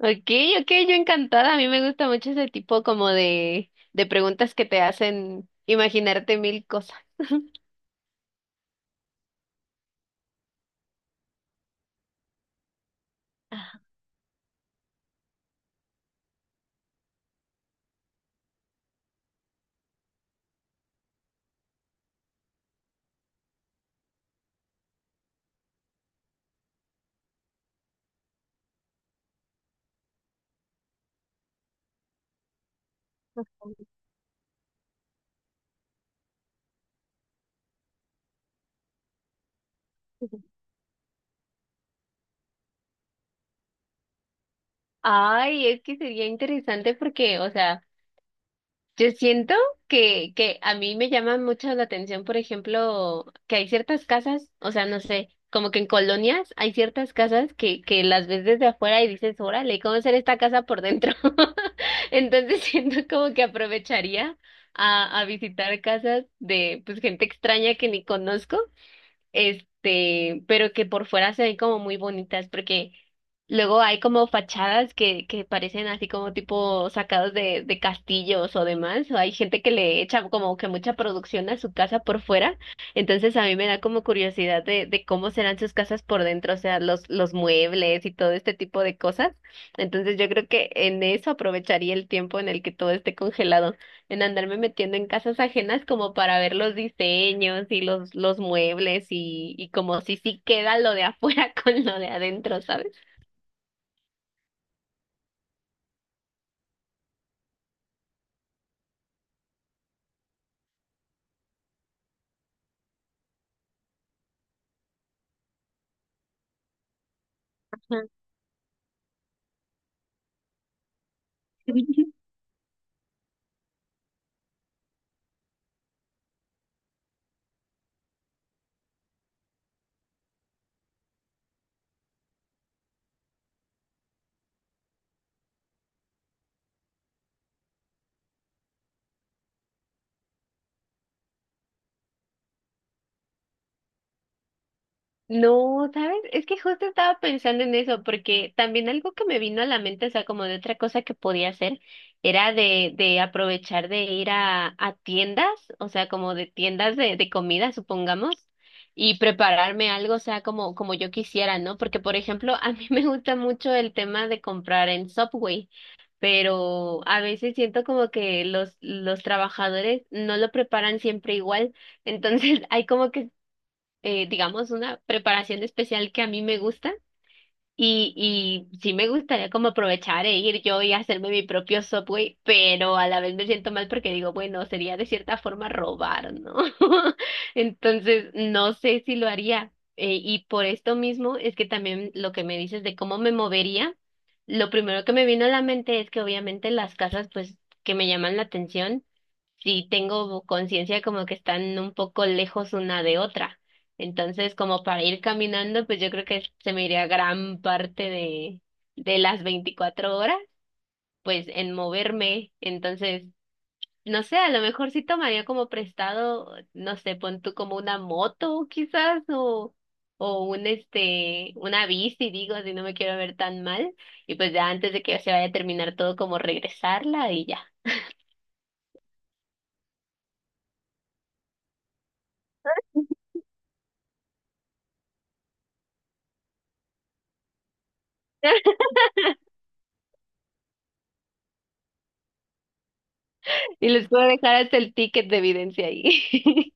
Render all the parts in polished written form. Okay, okay, yo encantada. A mí me gusta mucho ese tipo de preguntas que te hacen imaginarte mil cosas. Ay, es que sería interesante porque, o sea, yo siento que a mí me llama mucho la atención, por ejemplo, que hay ciertas casas, o sea, no sé, como que en colonias hay ciertas casas que las ves desde afuera y dices, órale, ¿cómo será esta casa por dentro? Entonces siento como que aprovecharía a visitar casas de pues gente extraña que ni conozco este, pero que por fuera se ven como muy bonitas, porque luego hay como fachadas que parecen así como tipo sacados de castillos o demás, o hay gente que le echa como que mucha producción a su casa por fuera, entonces a mí me da como curiosidad de cómo serán sus casas por dentro, o sea, los muebles y todo este tipo de cosas, entonces yo creo que en eso aprovecharía el tiempo en el que todo esté congelado en andarme metiendo en casas ajenas como para ver los diseños y los muebles y como si sí queda lo de afuera con lo de adentro, ¿sabes? Ajá. No, ¿sabes? Es que justo estaba pensando en eso, porque también algo que me vino a la mente, o sea, como de otra cosa que podía hacer, era de aprovechar de ir a tiendas, o sea, como de tiendas de comida, supongamos, y prepararme algo, o sea, como, como yo quisiera, ¿no? Porque, por ejemplo, a mí me gusta mucho el tema de comprar en Subway, pero a veces siento como que los trabajadores no lo preparan siempre igual. Entonces hay como que digamos, una preparación especial que a mí me gusta y sí me gustaría como aprovechar e ir yo y hacerme mi propio Subway, pero a la vez me siento mal porque digo, bueno, sería de cierta forma robar, ¿no? Entonces, no sé si lo haría. Y por esto mismo es que también lo que me dices de cómo me movería, lo primero que me vino a la mente es que obviamente las casas, pues, que me llaman la atención sí tengo conciencia como que están un poco lejos una de otra. Entonces, como para ir caminando, pues yo creo que se me iría gran parte de las 24 horas, pues en moverme. Entonces, no sé, a lo mejor sí tomaría como prestado, no sé, pon tú como una moto quizás o un este, una bici, digo, si no me quiero ver tan mal. Y pues ya antes de que se vaya a terminar todo, como regresarla y ya. Y les puedo dejar hasta el ticket de evidencia ahí.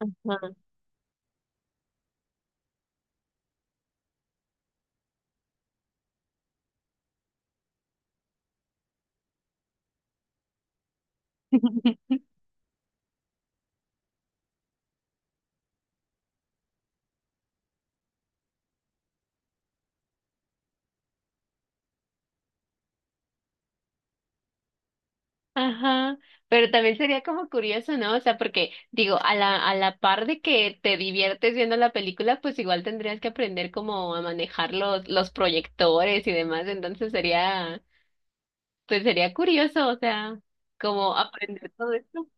Ajá. Ajá. Pero también sería como curioso, ¿no? O sea, porque digo, a la par de que te diviertes viendo la película, pues igual tendrías que aprender como a manejar los proyectores y demás. Entonces sería, pues sería curioso, o sea, como aprender todo esto.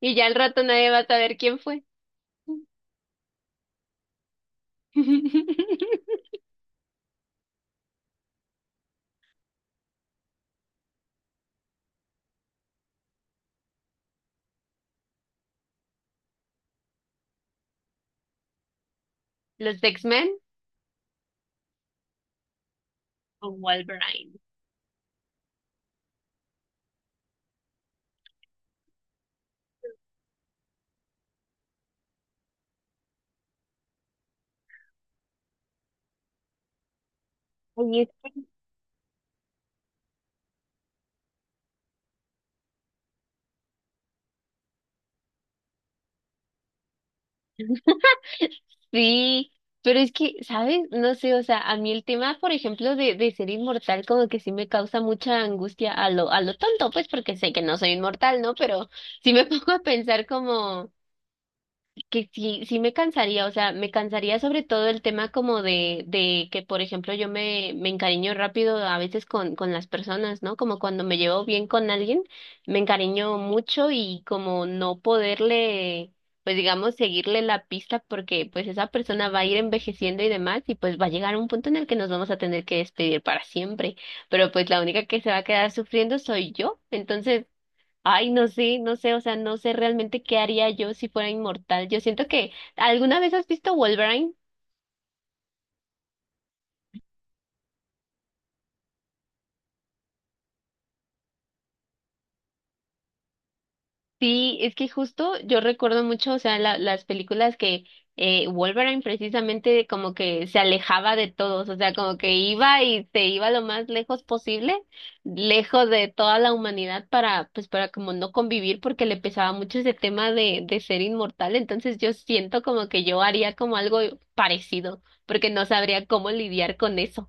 Y ya al rato nadie va a saber quién fue. Los X-Men o Wolverine. Sí, pero es que, ¿sabes? No sé, o sea, a mí el tema, por ejemplo, de ser inmortal, como que sí me causa mucha angustia a lo tonto, pues porque sé que no soy inmortal, ¿no? Pero sí me pongo a pensar como que sí, sí me cansaría, o sea, me cansaría sobre todo el tema como de que, por ejemplo, yo me, me encariño rápido a veces con las personas, ¿no? Como cuando me llevo bien con alguien, me encariño mucho y como no poderle, pues digamos, seguirle la pista porque pues esa persona va a ir envejeciendo y demás y pues va a llegar un punto en el que nos vamos a tener que despedir para siempre, pero pues la única que se va a quedar sufriendo soy yo, entonces... Ay, no sé, no sé, o sea, no sé realmente qué haría yo si fuera inmortal. Yo siento que, ¿alguna vez has visto Wolverine? Sí, es que justo yo recuerdo mucho, o sea, la- las películas que Wolverine precisamente como que se alejaba de todos, o sea, como que iba y se iba lo más lejos posible, lejos de toda la humanidad para, pues, para como no convivir porque le pesaba mucho ese tema de ser inmortal. Entonces yo siento como que yo haría como algo parecido, porque no sabría cómo lidiar con eso.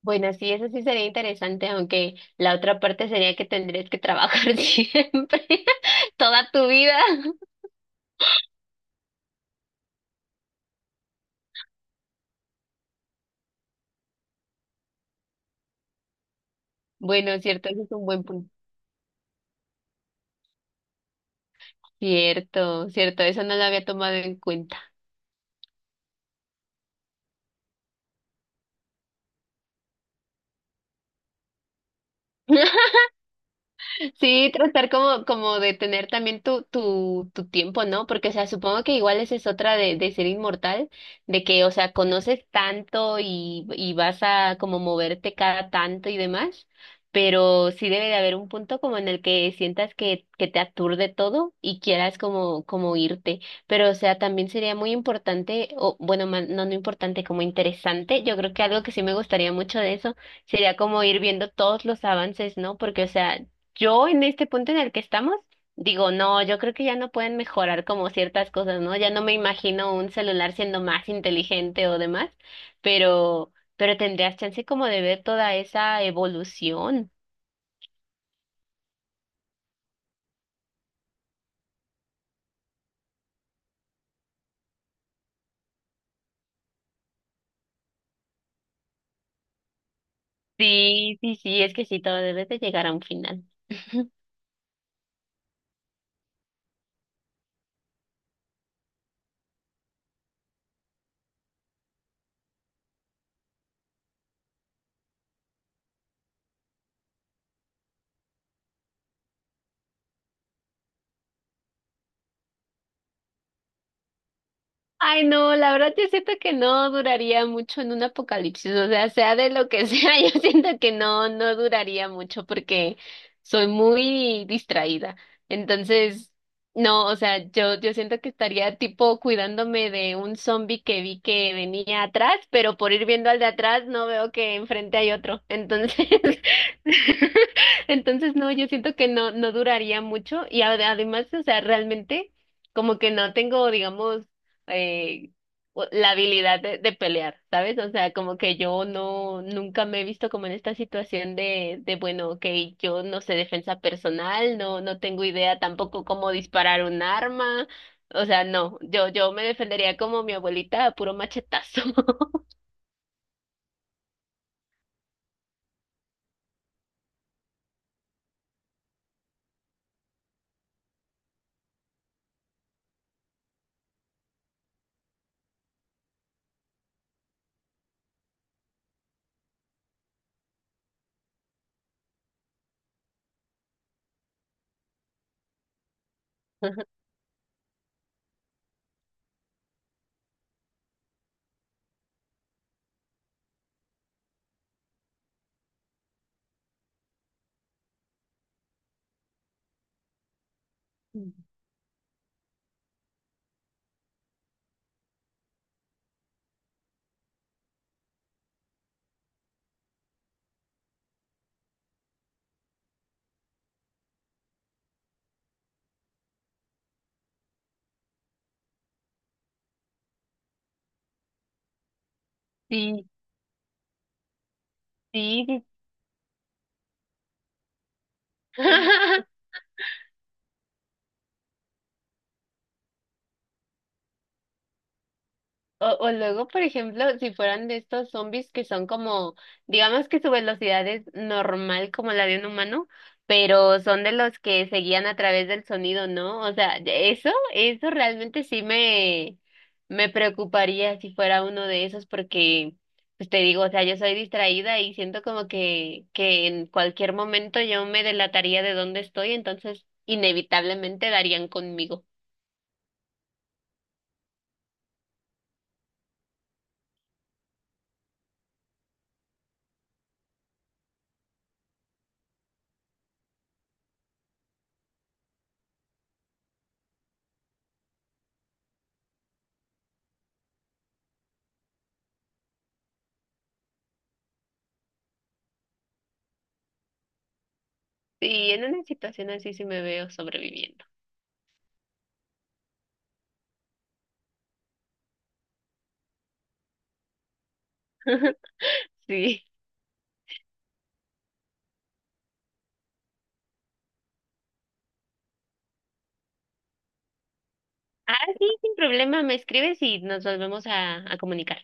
Bueno, sí, eso sí sería interesante, aunque la otra parte sería que tendrías que trabajar siempre, toda tu vida. Bueno, cierto, eso es un buen punto. Cierto, cierto, eso no lo había tomado en cuenta. Sí, tratar como, como de tener también tu tiempo, ¿no? Porque, o sea, supongo que igual esa es otra de ser inmortal, de que, o sea, conoces tanto y vas a como moverte cada tanto y demás, pero sí debe de haber un punto como en el que sientas que te aturde todo y quieras como, como irte. Pero, o sea, también sería muy importante, o bueno, no, no importante, como interesante. Yo creo que algo que sí me gustaría mucho de eso sería como ir viendo todos los avances, ¿no? Porque, o sea, yo en este punto en el que estamos, digo, no, yo creo que ya no pueden mejorar como ciertas cosas, ¿no? Ya no me imagino un celular siendo más inteligente o demás, pero tendrías chance como de ver toda esa evolución. Sí, sí, sí, es que sí, todo debe de llegar a un final. Ay, no, la verdad yo siento que no duraría mucho en un apocalipsis, o sea, sea de lo que sea, yo siento que no, no duraría mucho porque soy muy distraída. Entonces, no, o sea, yo siento que estaría tipo cuidándome de un zombie que vi que venía atrás, pero por ir viendo al de atrás no veo que enfrente hay otro. Entonces, entonces no, yo siento que no, no duraría mucho y además, o sea, realmente como que no tengo, digamos, eh, la habilidad de pelear, ¿sabes? O sea, como que yo no, nunca me he visto como en esta situación de bueno, ok, yo no sé defensa personal, no, no tengo idea tampoco cómo disparar un arma, o sea, no, yo me defendería como mi abuelita a puro machetazo. Sí, sí, sí. O luego, por ejemplo, si fueran de estos zombies que son como, digamos que su velocidad es normal como la de un humano, pero son de los que se guían a través del sonido, ¿no? Eso, eso realmente sí me preocuparía si fuera uno de esos, porque, pues te digo, o sea, yo soy distraída y siento como que en cualquier momento yo me delataría de dónde estoy, entonces inevitablemente darían conmigo. Sí, en una situación así sí me veo sobreviviendo. Sí. Ah, sí, sin problema, me escribes y nos volvemos a comunicar.